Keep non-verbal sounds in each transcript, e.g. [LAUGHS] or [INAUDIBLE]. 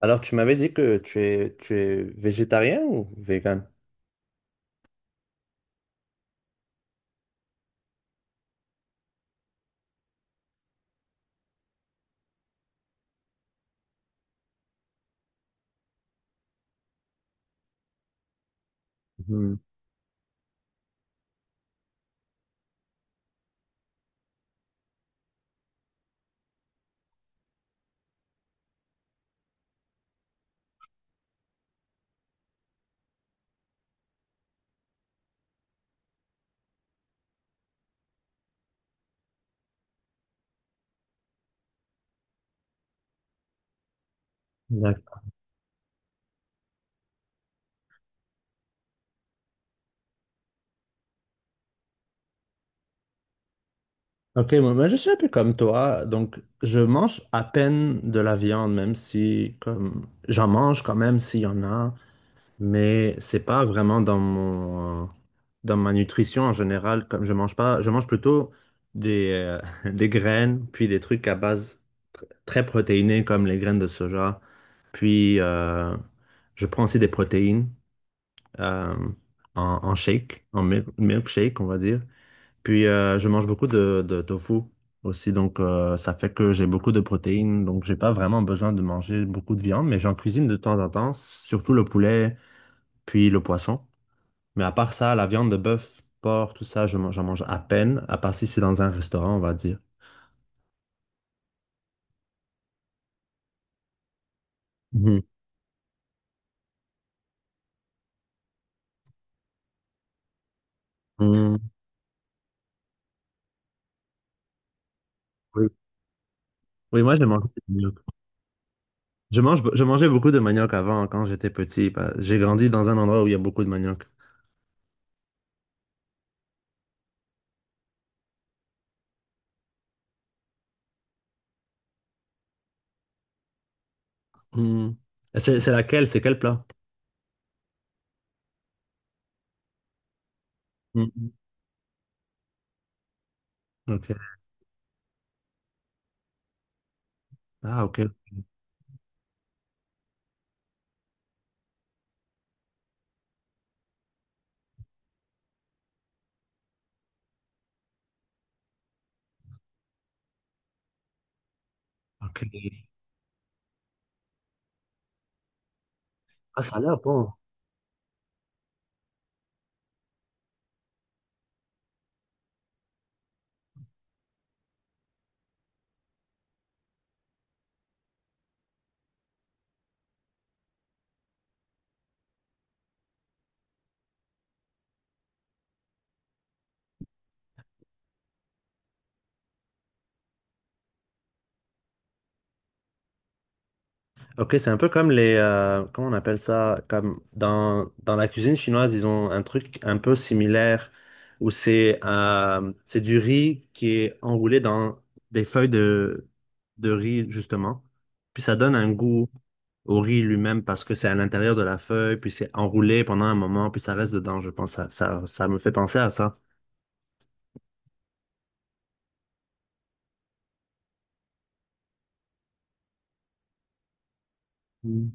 Alors, tu m'avais dit que tu es végétarien ou vegan? Mhm. D'accord. Ok, moi, je suis un peu comme toi, donc je mange à peine de la viande, même si comme j'en mange quand même s'il y en a, mais c'est pas vraiment dans mon dans ma nutrition en général. Comme je mange pas, je mange plutôt des [LAUGHS] des graines, puis des trucs à base très protéinés comme les graines de soja, puis je prends aussi des protéines. euh, en shake, en milkshake, on va dire. Puis je mange beaucoup de tofu aussi, donc ça fait que j'ai beaucoup de protéines, donc j'ai pas vraiment besoin de manger beaucoup de viande, mais j'en cuisine de temps en temps, surtout le poulet, puis le poisson. Mais à part ça, la viande de bœuf, porc, tout ça, j'en mange à peine, à part si c'est dans un restaurant, on va dire. Mhm. Mhm. Oui. Oui, moi, je mange du manioc. Je mangeais beaucoup de manioc avant, quand j'étais petit. J'ai grandi dans un endroit où il y a beaucoup de manioc. Hmm. Et c'est laquelle? C'est quel plat? Hmm. Ok. Ah, ok. Ok. Ah, ça a l'air bon. Ok, c'est un peu comme les... comment on appelle ça? Comme dans la cuisine chinoise, ils ont un truc un peu similaire où c'est du riz qui est enroulé dans des feuilles de riz, justement. Puis ça donne un goût au riz lui-même parce que c'est à l'intérieur de la feuille, puis c'est enroulé pendant un moment, puis ça reste dedans, je pense. Ça me fait penser à ça. Hmm.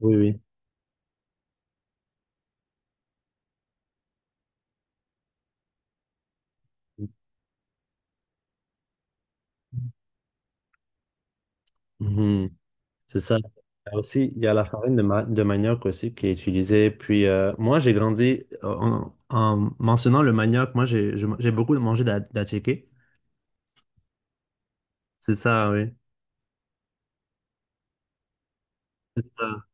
Oui, oui. Mhm. C'est ça. Il y a aussi, il y a la farine de manioc aussi qui est utilisée. Puis moi, j'ai grandi en mentionnant le manioc. Moi, j'ai beaucoup mangé d'attiqué. C'est ça, oui. C'est ça.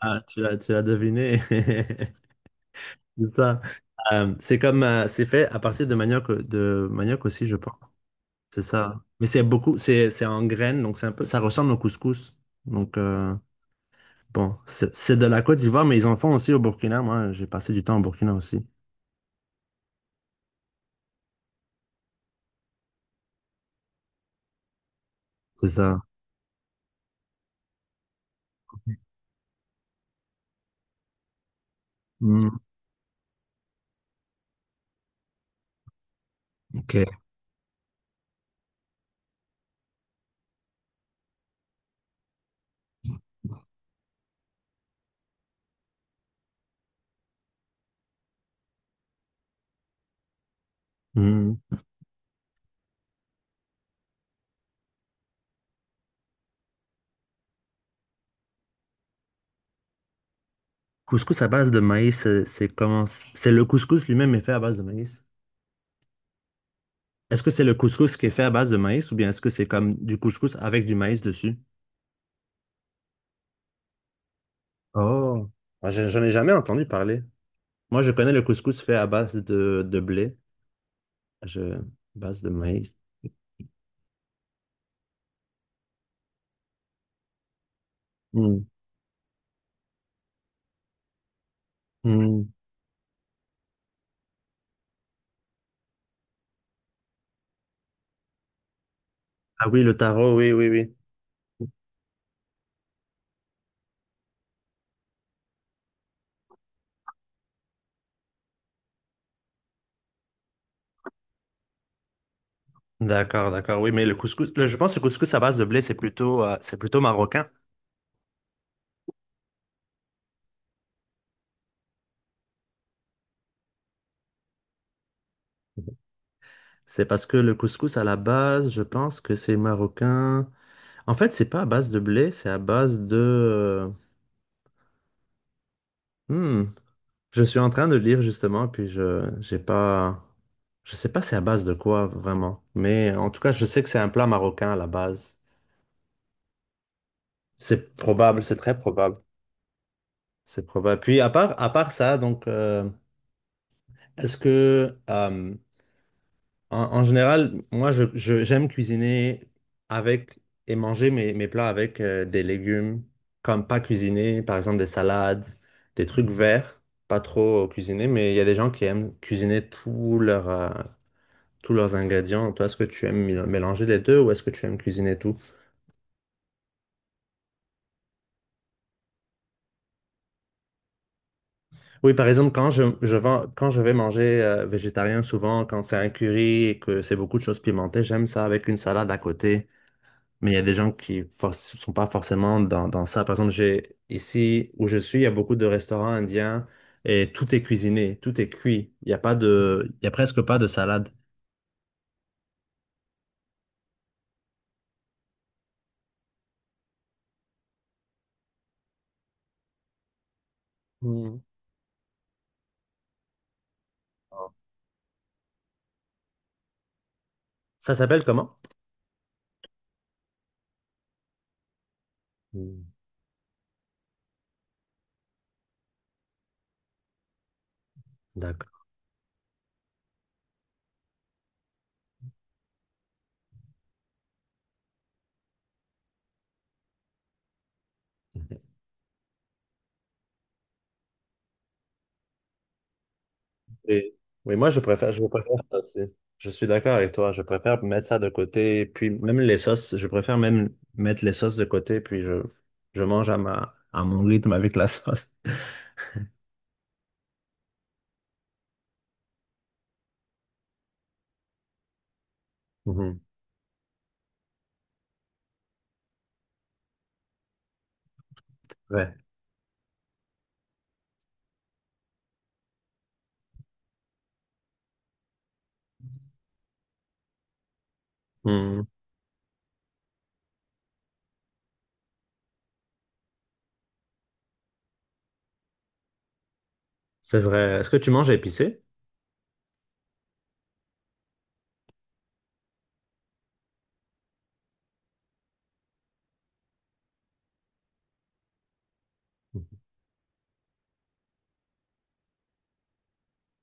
Ah, tu l'as deviné. [LAUGHS] C'est ça. C'est comme c'est fait à partir de manioc aussi, je pense. C'est ça. Mais c'est beaucoup, c'est en graines, donc c'est un peu, ça ressemble au couscous. Donc bon, c'est de la Côte d'Ivoire, mais ils en font aussi au Burkina. Moi, j'ai passé du temps au Burkina aussi. C'est ça. Hmm, OK. Hmm. Couscous à base de maïs, c'est comment? C'est le couscous lui-même est fait à base de maïs. Est-ce que c'est le couscous qui est fait à base de maïs ou bien est-ce que c'est comme du couscous avec du maïs dessus? Oh, ah, j'en ai jamais entendu parler. Moi, je connais le couscous fait à base de blé, je, base de maïs. Hmm. Hmm. Ah oui, le taro, oui, oui, oui. D'accord, d'accord. Oui, mais je pense que le couscous à base de blé, c'est plutôt marocain. C'est parce que le couscous à la base, je pense que c'est marocain. En fait, c'est pas à base de blé, c'est à base de. Hmm. Je suis en train de lire justement, j'ai pas, je sais pas c'est à base de quoi vraiment. Mais en tout cas, je sais que c'est un plat marocain à la base. C'est probable, c'est très probable. C'est probable. Puis à part ça, donc, est-ce que en, en général, moi, j'aime cuisiner avec et manger mes plats avec des légumes, comme pas cuisiner, par exemple des salades, des trucs verts, pas trop cuisinés, mais il y a des gens qui aiment cuisiner tous leurs ingrédients. Toi, est-ce que tu aimes mélanger les deux ou est-ce que tu aimes cuisiner tout? Oui, par exemple, quand je vais manger végétarien, souvent, quand c'est un curry et que c'est beaucoup de choses pimentées, j'aime ça avec une salade à côté. Mais il y a des gens qui ne sont pas forcément dans ça. Par exemple, j'ai, ici où je suis, il y a beaucoup de restaurants indiens et tout est cuisiné, tout est cuit. Il n'y a pas de, il y a presque pas de salade. Mm. Ça s'appelle comment? Hmm, d'accord. Et- oui, je préfère ça aussi. Je suis d'accord avec toi. Je préfère mettre ça de côté. Puis même les sauces, je préfère même mettre les sauces de côté. Puis je mange à ma, à mon rythme avec la sauce. [LAUGHS] Mhm. Ouais. Hmm, c'est vrai. Est-ce que tu manges épicé?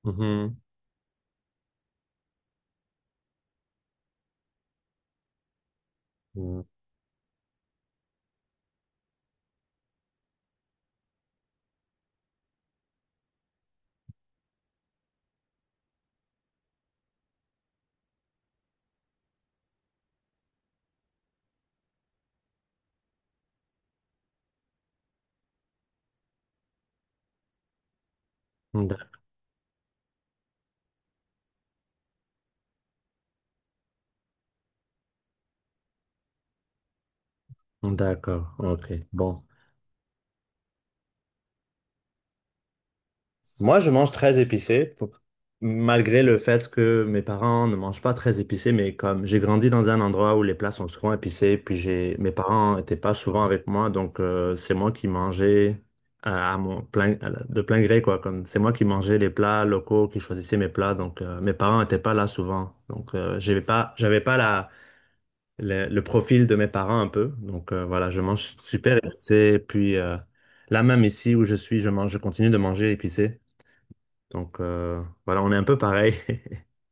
Mhm. Mhm. D'ac- d'accord, ok. Bon. Moi, je mange très épicé, pour- malgré le fait que mes parents ne mangent pas très épicé, mais comme j'ai grandi dans un endroit où les plats sont souvent épicés, puis j'ai mes parents n'étaient pas souvent avec moi, donc c'est moi qui mangeais à mon plein, à la- de plein gré, quoi. Comme c'est moi qui mangeais les plats locaux, qui choisissais mes plats, donc mes parents n'étaient pas là souvent, donc j'avais pas la le profil de mes parents un peu. Donc voilà, je mange super épicé. Puis là même ici où je suis, je continue de manger épicé. Donc voilà, on est un peu pareil.